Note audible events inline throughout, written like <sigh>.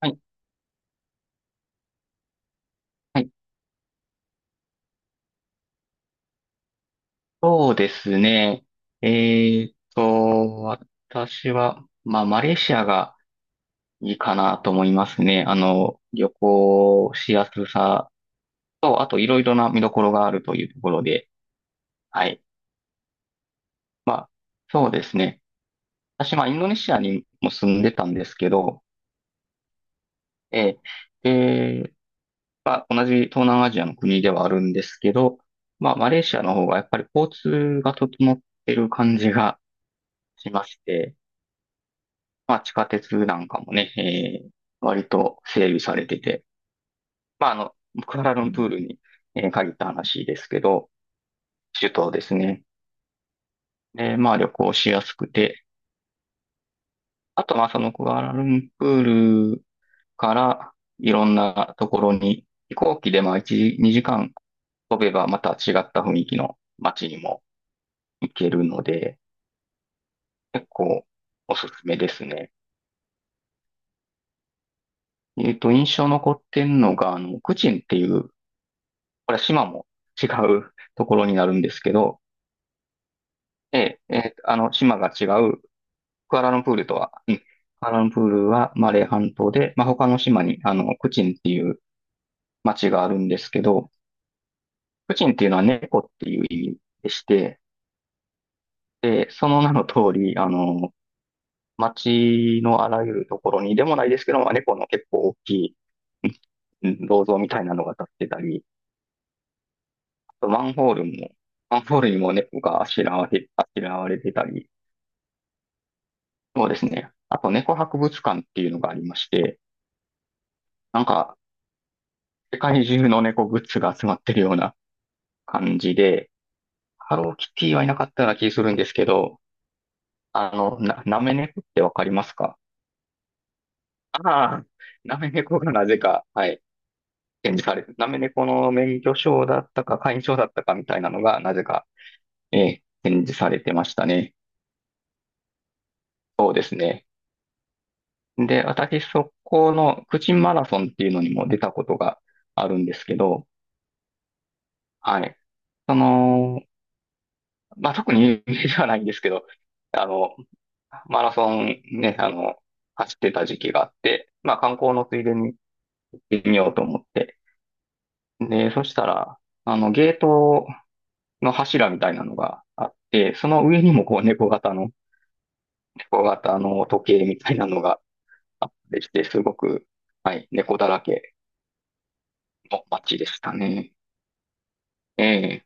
はい、はいそうですね。え私は、まあ、マレーシアがいいかなと思いますね。あの、旅行しやすさと、あといろいろな見どころがあるというところで、はい。まあ、そうですね。私、まあ、インドネシアにも住んでたんですけど、えー、で、まあ、同じ東南アジアの国ではあるんですけど、まあ、マレーシアの方がやっぱり交通が整ってる感じがしまして、まあ、地下鉄なんかもね、割と整備されてて、まあ、あの、クアラルンプールに、限った話ですけど、首都ですね。で、まあ、旅行しやすくて、あと、まあ、そのクアラルンプールからいろんなところに、飛行機でまあ、1、2時間飛べばまた違った雰囲気の街にも行けるので、結構おすすめですね。えっと、印象残ってんのが、あの、クチンっていうこれは島も違うところになるんですけど、ええ、あの、島が違う、クアラルンプールとは、うん、クアラルンプールはマレー半島で、まあ、他の島に、あの、クチンっていう町があるんですけど、クチンっていうのは猫っていう意味でして、で、その名の通り、あの、町のあらゆるところにでもないですけど、まあ、猫の結構大きい、うん銅像みたいなのが立ってたり、あとマンホールも、マンホールにも猫があしらわれ、あしらわれてたり、そうですね。あと、猫博物館っていうのがありまして、なんか、世界中の猫グッズが集まってるような感じで、ハローキティはいなかったような気するんですけど、あの、なめ猫ってわかりますか？ああ、なめ猫がなぜか、はい、展示されて、なめ猫の免許証だったか、会員証だったかみたいなのが、なぜか、ええ展示されてましたね。そうですね。で、私、そこの、口マラソンっていうのにも出たことがあるんですけど、はい。その、まあ、特に有名ではないんですけど、あの、マラソンね、あの、走ってた時期があって、まあ、観光のついでに行ってみようと思って。で、そしたら、あの、ゲートの柱みたいなのがあって、その上にもこう、猫型の、猫型の時計みたいなのがあってして、すごく、はい、猫だらけの街でしたね。ええ。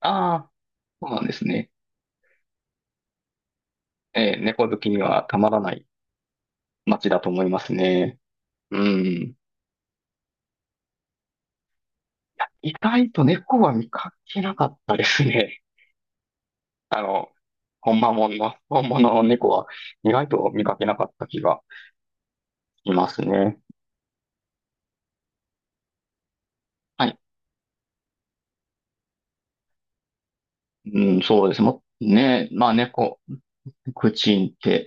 ああ、そうなんですね。ええ、猫好きにはたまらない街だと思いますね。うん。意外と猫は見かけなかったですね。<laughs> あの、本間もんの、本物の猫は意外と見かけなかった気がしますね。はい。うん、そうです。もう、ね、まあ猫、クチンって、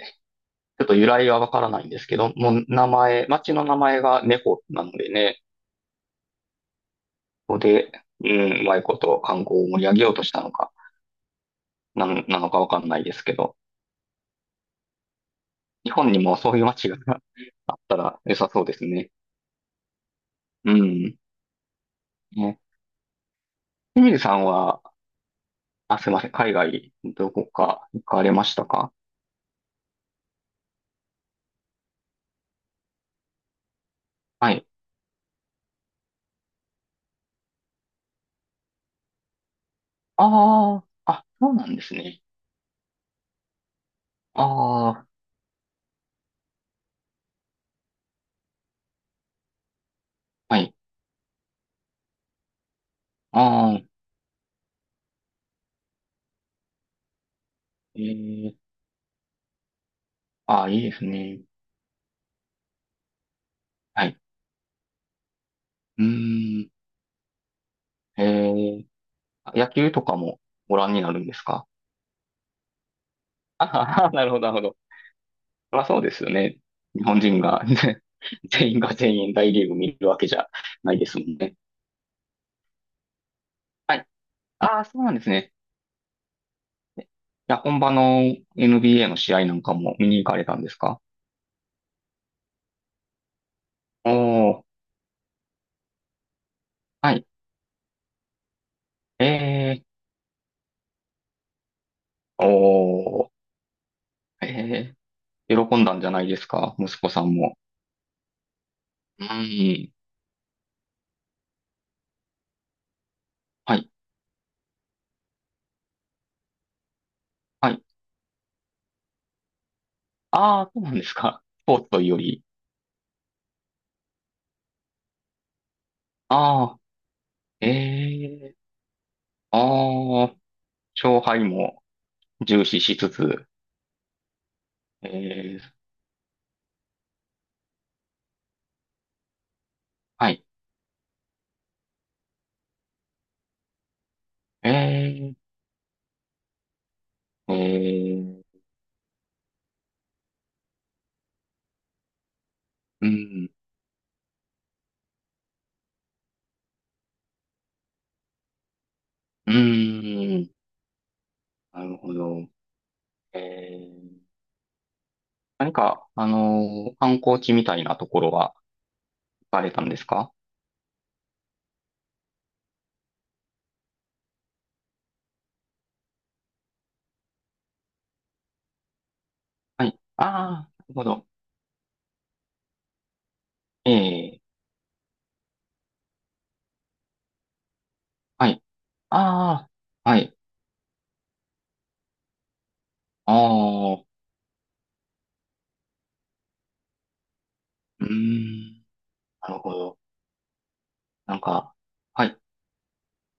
ちょっと由来はわからないんですけど、もう名前、町の名前が猫なのでね、ここで、うん、うまいこと観光を盛り上げようとしたのか、なのかわかんないですけど、日本にもそういう町が <laughs> あったら良さそうですね。うん。ねひみりさんは、あ、すいません、海外どこか行かれましたか？はい。ああ、あ、そうなんですね。ああ、はい。ああ、ええ、ああ、いいですね。はい。うーん、ええ、野球とかもご覧になるんですか？ <laughs> ああ、<laughs> なるほど、なるほど。まあそうですよね。日本人が <laughs> 全員が全員大リーグ見るわけじゃないですもんね。はい。ああ、そうなんですね。いや、本場の NBA の試合なんかも見に行かれたんですか？おー、はい。えー、おー、えー、喜んだんじゃないですか、息子さんも。うーん、はい、はい。ああそうなんですか。スポーツというより。ああえー、ああ勝敗も重視しつつ、えー、はい。えー、えー、うん、うーん、なるほど。えー、何か、あのー観光地みたいなところは行かれたんですか？はい。ああなるほど。ええ、はい。ああ、はい。ああ、うーん。なるほど。なんか、はい。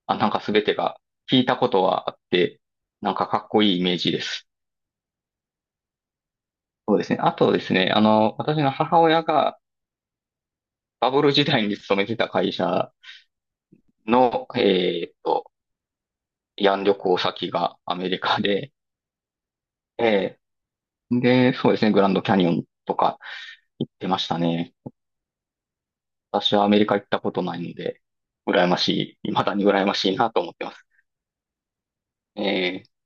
あ、なんかすべてが聞いたことはあって、なんかかっこいいイメージです。そうですね。あとですね、あの、私の母親がバブル時代に勤めてた会社の、えっと、慰安旅行先がアメリカで、ええ、で、そうですね、グランドキャニオンとか行ってましたね。私はアメリカ行ったことないので、羨ましい、未だに羨ましいなと思ってます。え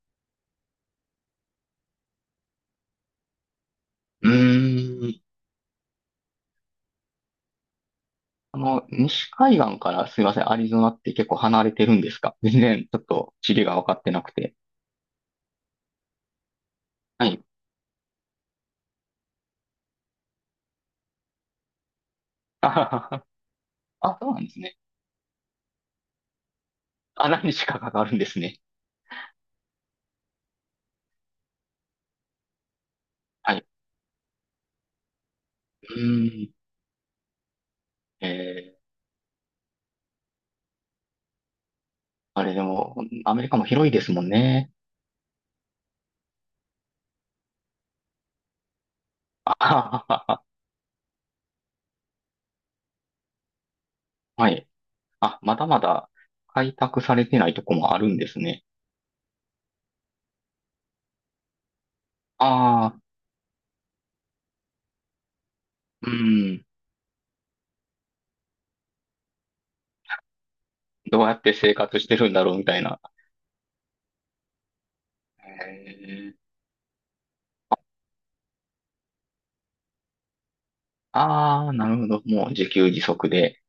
ー、うーん。あの、西海岸からすいません、アリゾナって結構離れてるんですか？全然ちょっと地理が分かってなくて。はい。<laughs> あはははあ、そうなんですね。あ、何日かかかるんですね。はい。うーん。えー、あれでも、アメリカも広いですもんね。<laughs> あははははい。あ、まだまだ開拓されてないとこもあるんですね。ああ、うん。どうやって生活してるんだろうみたいな。へえ。ああ、なるほど。もう自給自足で。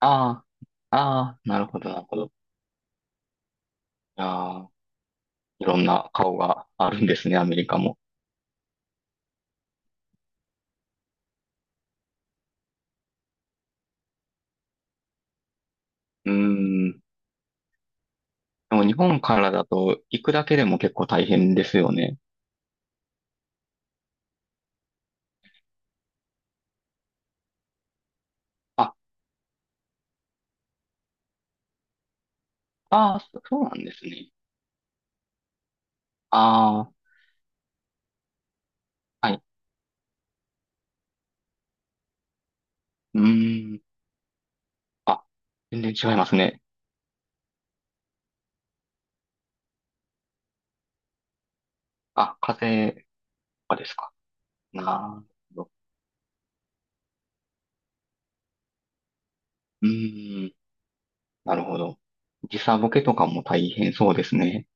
ああ、ああ、なるほど、なるほど。ああ、いろんな顔があるんですね、アメリカも。うーん。でも日本からだと行くだけでも結構大変ですよね。あ、ああ、そうなんですね。ああ、はい。うーん。あ、全然違いますね。あ、風邪とかですか。なるほど。うーん。なるほど。時差ボケとかも大変そうですね。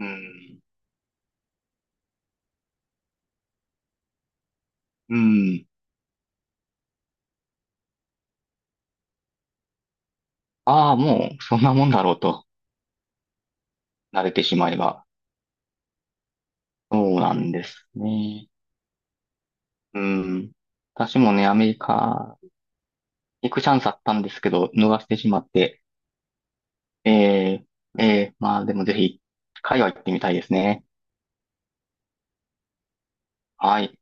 うーん。うーん。ああ、もうそんなもんだろうと、慣れてしまえば。そうなんですね。うん。私もね、アメリカ行くチャンスあったんですけど、逃してしまって。えー、えー、まあでもぜひ、海外行ってみたいですね。はい。